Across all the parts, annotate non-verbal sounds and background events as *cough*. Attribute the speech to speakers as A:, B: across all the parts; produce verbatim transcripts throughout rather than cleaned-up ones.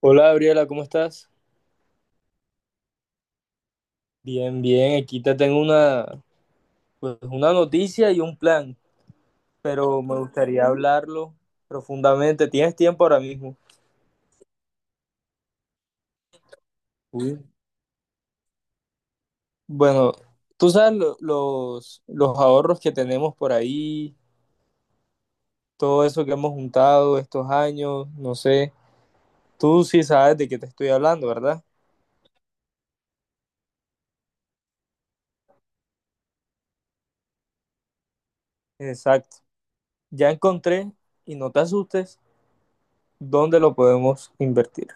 A: Hola Gabriela, ¿cómo estás? Bien, bien, aquí te tengo una, pues, una noticia y un plan, pero me gustaría hablarlo profundamente. ¿Tienes tiempo ahora mismo? Uy, bueno, tú sabes lo- los, los ahorros que tenemos por ahí, todo eso que hemos juntado estos años, no sé. Tú sí sabes de qué te estoy hablando, ¿verdad? Exacto. Ya encontré, y no te asustes, dónde lo podemos invertir.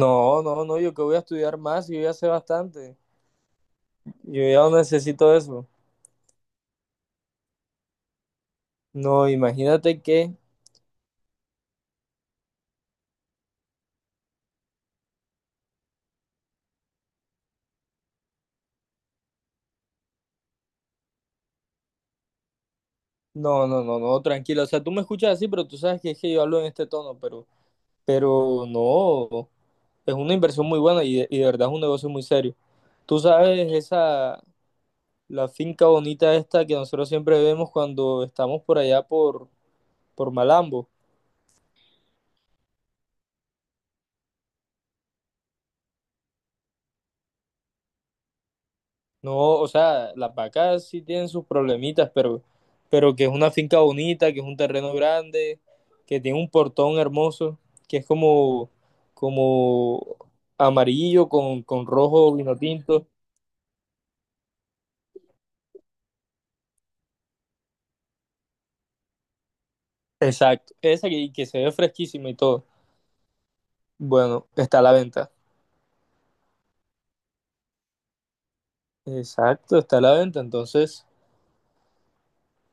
A: No, no, no, yo que voy a estudiar más, yo ya sé bastante. Yo ya no necesito eso. No, imagínate que. No, no, no, no, tranquilo. O sea, tú me escuchas así, pero tú sabes que es que yo hablo en este tono, pero, pero no. Es una inversión muy buena y de, y de verdad es un negocio muy serio. Tú sabes esa, la finca bonita esta que nosotros siempre vemos cuando estamos por allá por, por Malambo. No, o sea, las vacas sí tienen sus problemitas, pero, pero que es una finca bonita, que es un terreno grande, que tiene un portón hermoso, que es como, como amarillo con, con rojo vino tinto. Exacto, esa que, que se ve fresquísima y todo. Bueno, está a la venta. Exacto, está a la venta. Entonces,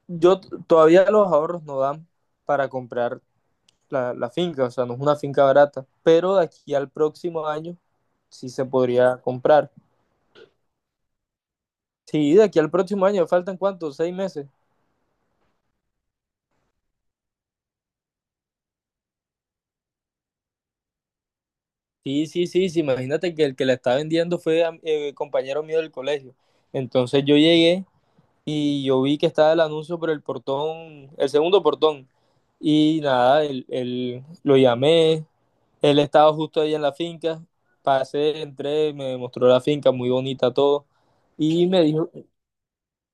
A: yo t- todavía los ahorros no dan para comprar la, la finca, o sea, no es una finca barata, pero de aquí al próximo año sí se podría comprar. Sí, de aquí al próximo año, ¿faltan cuántos? ¿Seis meses? Sí, sí, sí, sí, imagínate que el que la está vendiendo fue am- eh, compañero mío del colegio. Entonces yo llegué y yo vi que estaba el anuncio por el portón, el segundo portón. Y nada, él, él- lo llamé, él estaba justo ahí en la finca, pasé, entré, me mostró la finca, muy bonita todo. Y me dijo,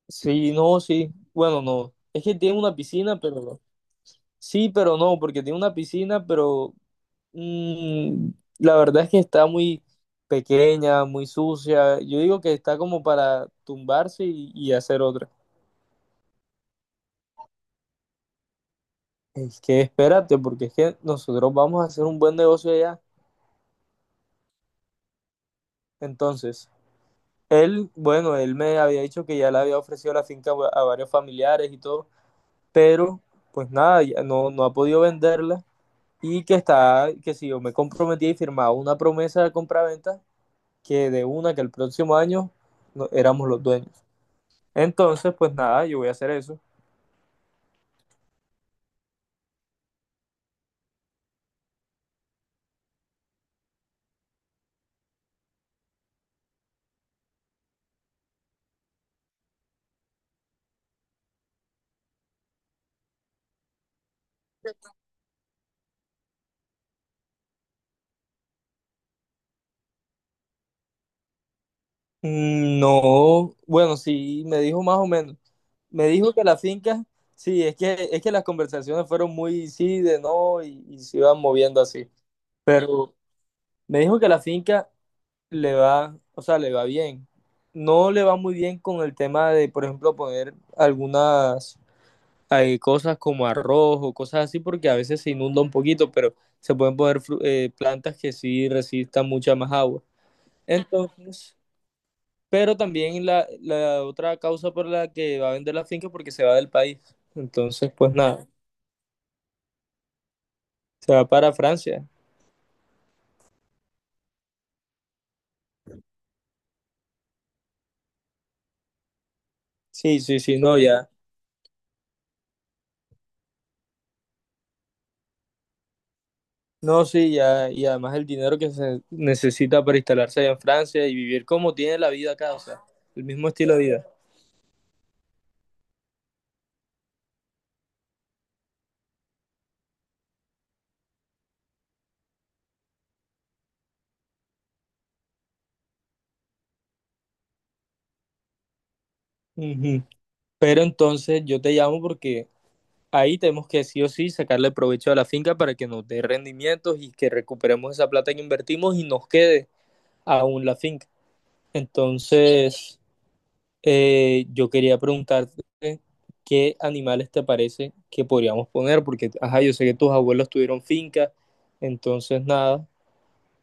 A: sí, no, sí. Bueno, no. Es que tiene una piscina, pero no. Sí, pero no, porque tiene una piscina, pero mm, la verdad es que está muy pequeña, muy sucia. Yo digo que está como para tumbarse y, y hacer otra. Es que espérate, porque es que nosotros vamos a hacer un buen negocio allá. Entonces, él, bueno, él me había dicho que ya le había ofrecido la finca a varios familiares y todo, pero pues nada, ya no, no ha podido venderla y que está, que si yo me comprometía y firmaba una promesa de compraventa, que de una que el próximo año no- éramos los dueños. Entonces, pues nada, yo voy a hacer eso. Mm, no, bueno, sí, me dijo más o menos. Me dijo que la finca, sí, es que, es que las conversaciones fueron muy sí, de no, y, y se iban moviendo así. Pero me dijo que la finca le va, o sea, le va bien. No le va muy bien con el tema de, por ejemplo, poner algunas hay cosas como arroz o cosas así porque a veces se inunda un poquito, pero se pueden poner fru- eh, plantas que sí resistan mucha más agua. Entonces, pero también la, la otra causa por la que va a vender la finca es porque se va del país. Entonces, pues nada, se va para Francia. Sí, sí, sí, no, ya. No, sí, ya. Y además el dinero que se necesita para instalarse allá en Francia y vivir como tiene la vida acá, o sea, el mismo estilo de vida. Ujú. Pero entonces yo te llamo porque ahí tenemos que sí o sí sacarle provecho a la finca para que nos dé rendimientos y que recuperemos esa plata que invertimos y nos quede aún la finca. Entonces, eh, yo quería preguntarte qué animales te parece que podríamos poner, porque, ajá, yo sé que tus abuelos tuvieron finca, entonces nada,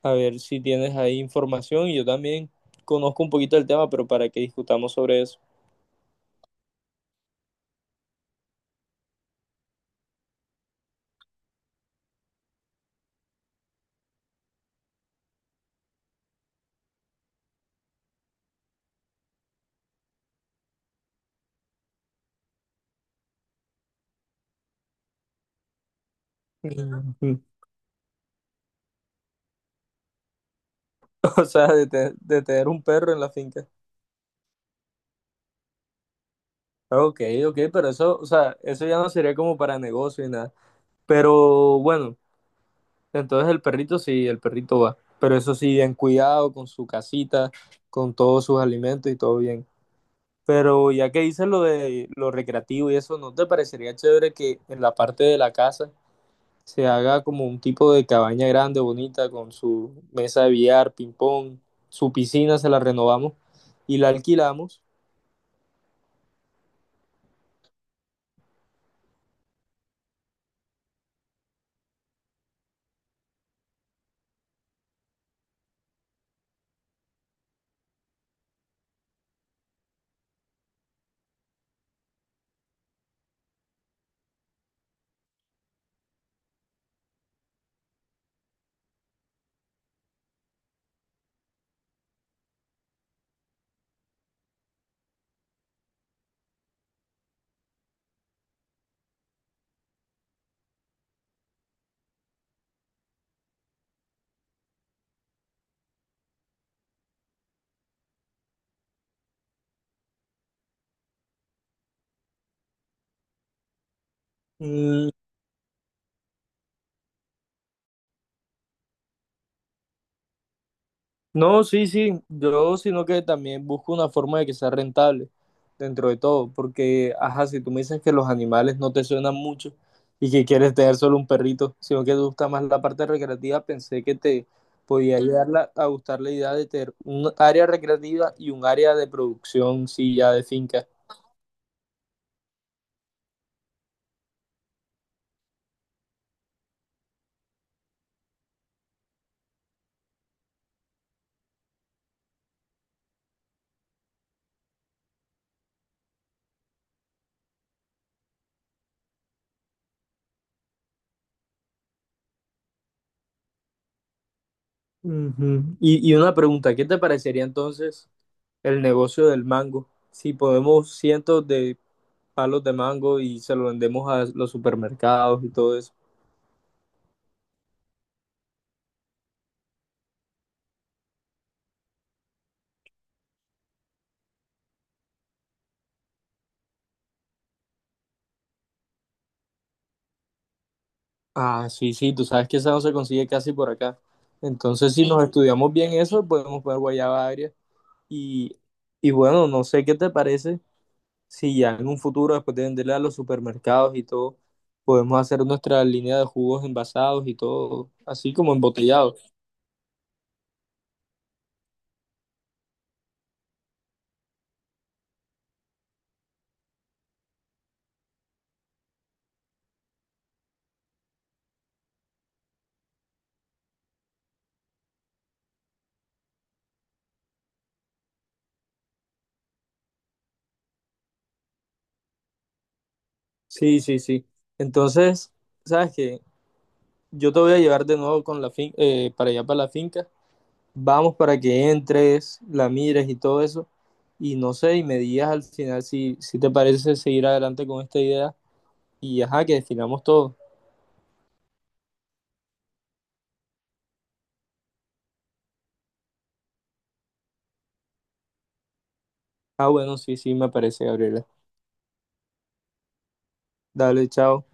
A: a ver si tienes ahí información y yo también conozco un poquito del tema, pero para que discutamos sobre eso. Mm. *laughs* O sea, de, te- de tener un perro en la finca. Ok, ok, pero eso, o sea, eso ya no sería como para negocio y nada. Pero bueno, entonces el perrito sí, el perrito va. Pero eso sí, bien cuidado, con su casita, con todos sus alimentos y todo bien. Pero ya que dices lo de lo recreativo y eso, ¿no te parecería chévere que en la parte de la casa se haga como un tipo de cabaña grande, bonita, con su mesa de billar, ping pong, su piscina, se la renovamos y la alquilamos? Mm, no, sí, sí, yo sino que también busco una forma de que sea rentable dentro de todo, porque, ajá, si tú me dices que los animales no te suenan mucho y que quieres tener solo un perrito, sino que te gusta más la parte recreativa, pensé que te podía llegar la- a gustar la idea de tener un área recreativa y un área de producción, sí, ya de finca. Ujú. Y, y una pregunta, ¿qué te parecería entonces el negocio del mango? Si podemos cientos de palos de mango y se lo vendemos a los supermercados y todo eso. Ah, sí, sí, tú sabes que esa no se consigue casi por acá. Entonces, si nos, sí, estudiamos bien eso, podemos poner guayaba agria. Y, y bueno, no sé qué te parece si ya en un futuro, después de venderla a los supermercados y todo, podemos hacer nuestra línea de jugos envasados y todo, así como embotellados. Sí, sí, sí. Entonces, ¿sabes qué? Yo te voy a llevar de nuevo con la fin eh, para allá para la finca. Vamos para que entres, la mires y todo eso. Y no sé, y me digas al final si, si te parece seguir adelante con esta idea. Y ajá, que definamos todo. Ah, bueno, sí, sí, me parece, Gabriela. Dale, chao.